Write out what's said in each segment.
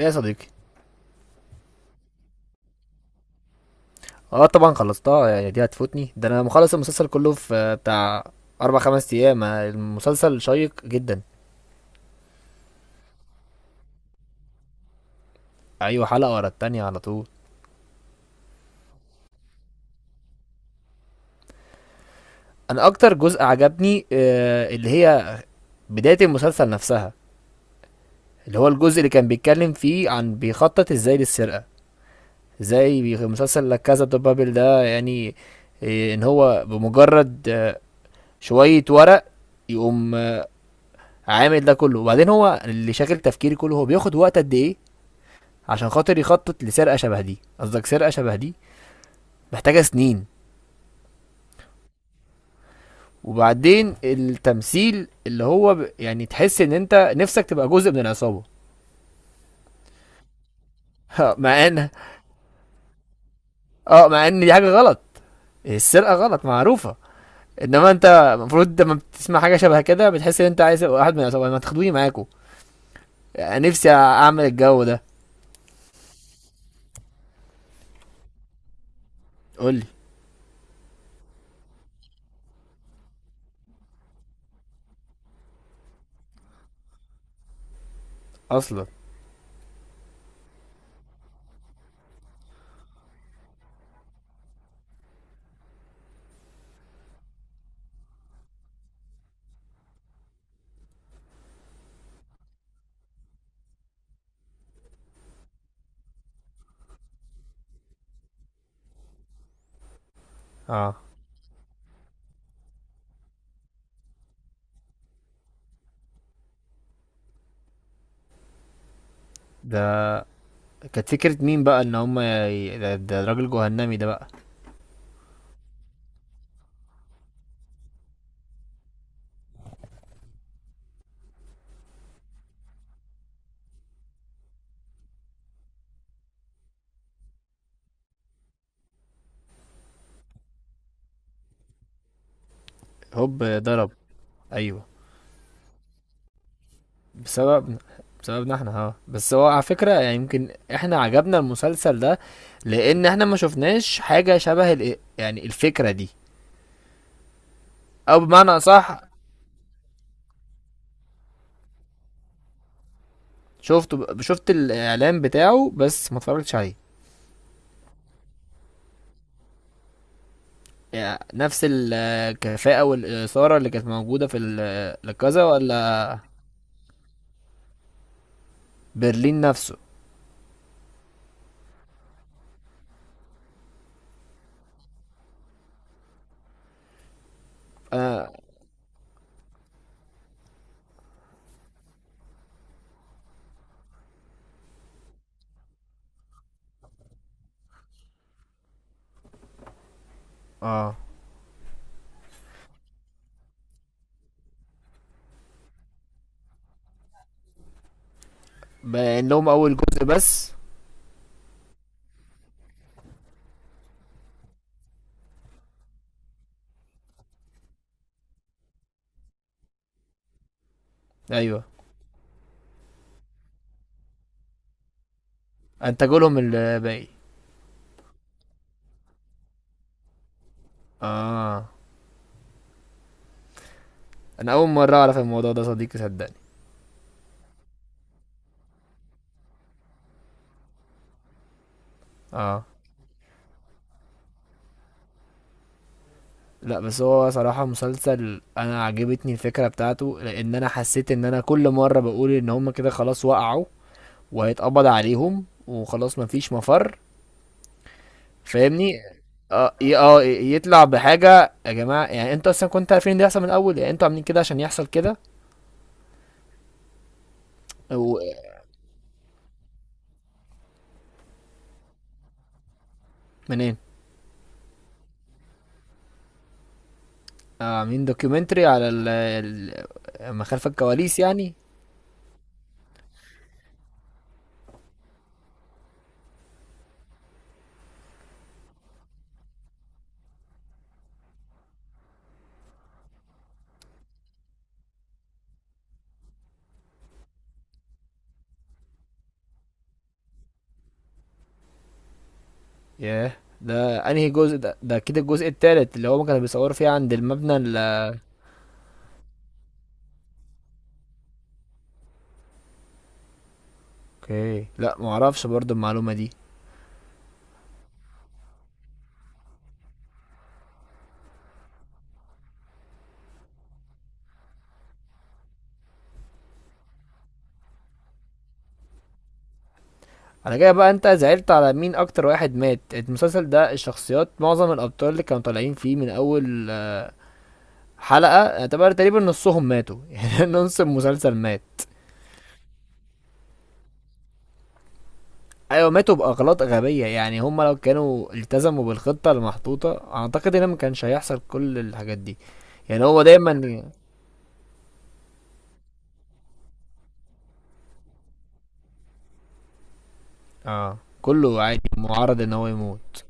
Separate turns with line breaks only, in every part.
ايه يا صديقي. اه، طبعا خلصتها. يعني دي هتفوتني؟ ده انا مخلص المسلسل كله في بتاع اربع خمس ايام. المسلسل شيق جدا. ايوه، حلقة ورا التانية على طول. انا اكتر جزء عجبني اللي هي بداية المسلسل نفسها، اللي هو الجزء اللي كان بيتكلم فيه عن بيخطط ازاي للسرقة، ازاي مسلسل لا كازا دو بابل ده يعني. ان هو بمجرد شوية ورق يقوم عامل ده كله. وبعدين هو اللي شاغل تفكيري كله هو بياخد وقت قد ايه عشان خاطر يخطط لسرقه شبه دي؟ قصدك سرقه شبه دي محتاجه سنين. وبعدين التمثيل اللي هو يعني تحس ان انت نفسك تبقى جزء من العصابه. مع ان اه، مع ان دي حاجه غلط. السرقه غلط معروفه. انما انت المفروض لما بتسمع حاجه شبه كده بتحس ان انت عايز تبقى واحد من العصابه، ما تاخدوني معاكم. نفسي اعمل الجو ده. قول لي. اصلا؟ اه، ده كانت فكره مين بقى؟ ان هم ده الراجل جهنمي ده بقى. هوب، ضرب. ايوه. بسببنا، بسببنا احنا. اه، بس هو على فكرة يعني يمكن احنا عجبنا المسلسل ده لان احنا ما شفناش حاجة شبه يعني الفكرة دي. او بمعنى اصح. شفت الاعلان بتاعه بس ما اتفرجتش عليه. يعني نفس الكفاءة والإثارة اللي كانت موجودة في الكذا، ولا برلين نفسه؟ انا. اه، بان لهم اول جزء بس. ايوه، انتجوا لهم الباقي. اه، انا اول مرة اعرف الموضوع ده صديقي، صدقني. اه، لا بس هو صراحة مسلسل انا عجبتني الفكرة بتاعته لان انا حسيت ان انا كل مرة بقول ان هما كده خلاص وقعوا وهيتقبض عليهم وخلاص مفيش مفر. فاهمني. اه، يطلع بحاجة يا جماعة، يعني انتوا اصلا كنتوا عارفين ان ده يحصل من الاول، يعني انتوا عاملين كده عشان يحصل كده. و- منين؟ عاملين دوكيومنتري على ما خلف الكواليس يعني. ياه. ده انهي جزء ده كده الجزء التالت اللي هو كانوا بيصوروا فيه عند المبنى. اوكي، لا معرفش برضو المعلومة دي. على كده بقى انت زعلت على مين اكتر؟ واحد مات المسلسل ده، الشخصيات، معظم الابطال اللي كانوا طالعين فيه من اول حلقة، اعتبر تقريبا نصهم ماتوا يعني نص المسلسل مات. ايوه، ماتوا باغلاط غبية، يعني هم لو كانوا التزموا بالخطة المحطوطة اعتقد ان ما كانش هيحصل كل الحاجات دي. يعني هو دايما. اه، كله عادي معرض ان هو يموت.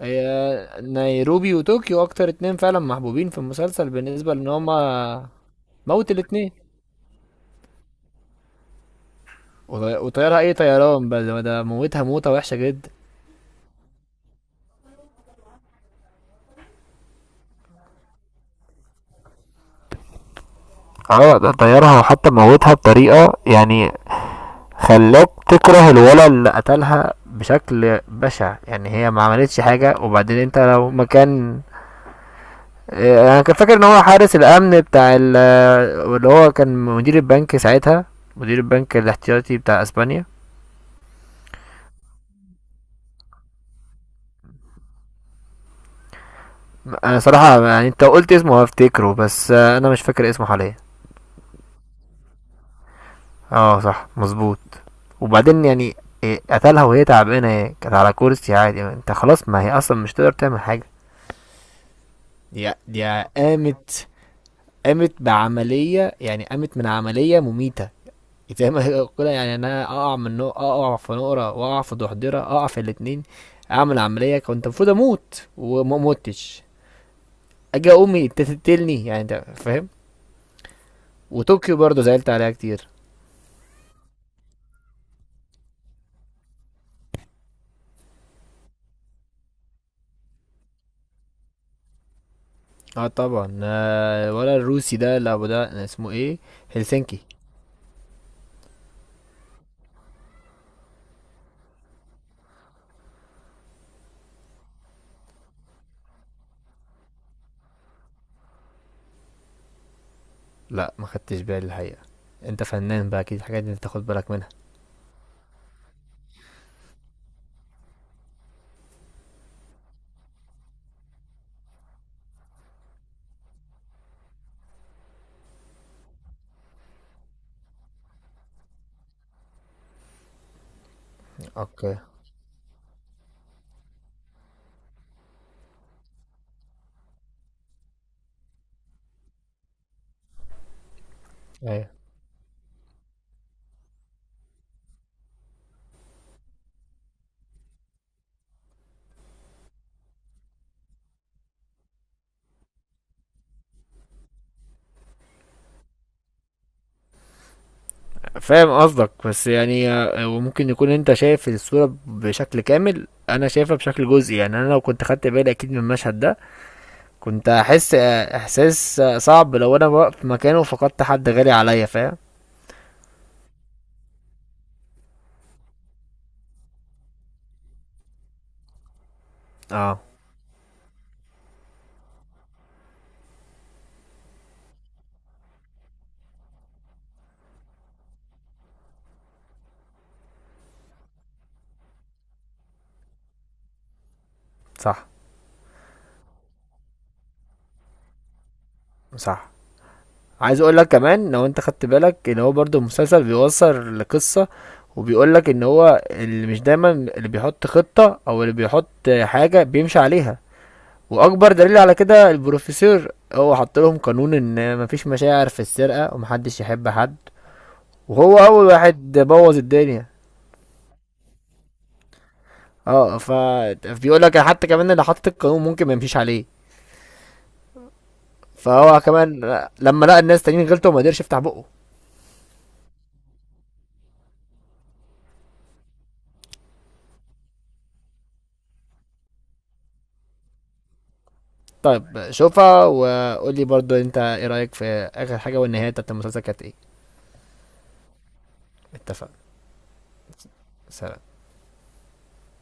هي. نيروبي وطوكيو اكتر اتنين فعلا محبوبين في المسلسل بالنسبة لان هما. موت الاتنين. وطيارة، ايه طيران بقى، ده موتها موتة وحشة جدا. اه، ده طيرها وحتى موتها بطريقة يعني خلاك تكره الولد اللي قتلها بشكل بشع، يعني هي ما عملتش حاجة وبعدين انت لو مكان. اه، انا كنت فاكر ان هو حارس الامن بتاع اللي هو كان مدير البنك ساعتها، مدير البنك الاحتياطي بتاع اسبانيا. انا صراحة يعني انت قلت اسمه هفتكره بس انا مش فاكر اسمه حاليا. اه صح مظبوط. وبعدين يعني. إيه، قتلها وهي تعبانه، هي كانت على كرسي عادي يعني انت خلاص، ما هي اصلا مش تقدر تعمل حاجه. دي قامت قامت بعملية، يعني قامت من عملية مميتة. زي ما يقول يعني انا اقع من اقع في نقرة واقع في ضحضرة اقع في الاتنين، اعمل عملية كنت المفروض اموت وما متش، اجي امي انت تقتلني يعني، انت فاهم. وطوكيو برضه زعلت عليها كتير. اه طبعا، ولا الروسي ده اللي ابو ده اسمه ايه؟ هلسنكي. لا ما خدتش بالي الحقيقة. انت فنان بقى اكيد الحاجات دي انت تاخد بالك منها. اوكي. ايوه. فاهم قصدك بس يعني وممكن يكون انت شايف الصورة بشكل كامل انا شايفها بشكل جزئي، يعني انا لو كنت خدت بالي اكيد من المشهد ده كنت هحس احساس صعب لو انا واقف مكانه وفقدت حد غالي عليا، فاهم. اه، صح صح. عايز اقول لك كمان لو انت خدت بالك ان هو برضو المسلسل بيوصل لقصة وبيقول لك ان هو اللي مش دايما اللي بيحط خطة او اللي بيحط حاجة بيمشي عليها، واكبر دليل على كده البروفيسور، هو حط لهم قانون ان مفيش مشاعر في السرقة ومحدش يحب حد، وهو اول واحد بوظ الدنيا. اه، بيقول لك حتى كمان اللي حط القانون ممكن ما يمشيش عليه، فهو كمان لما لقى الناس تانيين غلطوا ما قدرش يفتح بقه. طيب شوفها وقول لي برضو انت ايه رايك في اخر حاجه والنهايه بتاعت المسلسل كانت ايه؟ اتفقنا. سلام.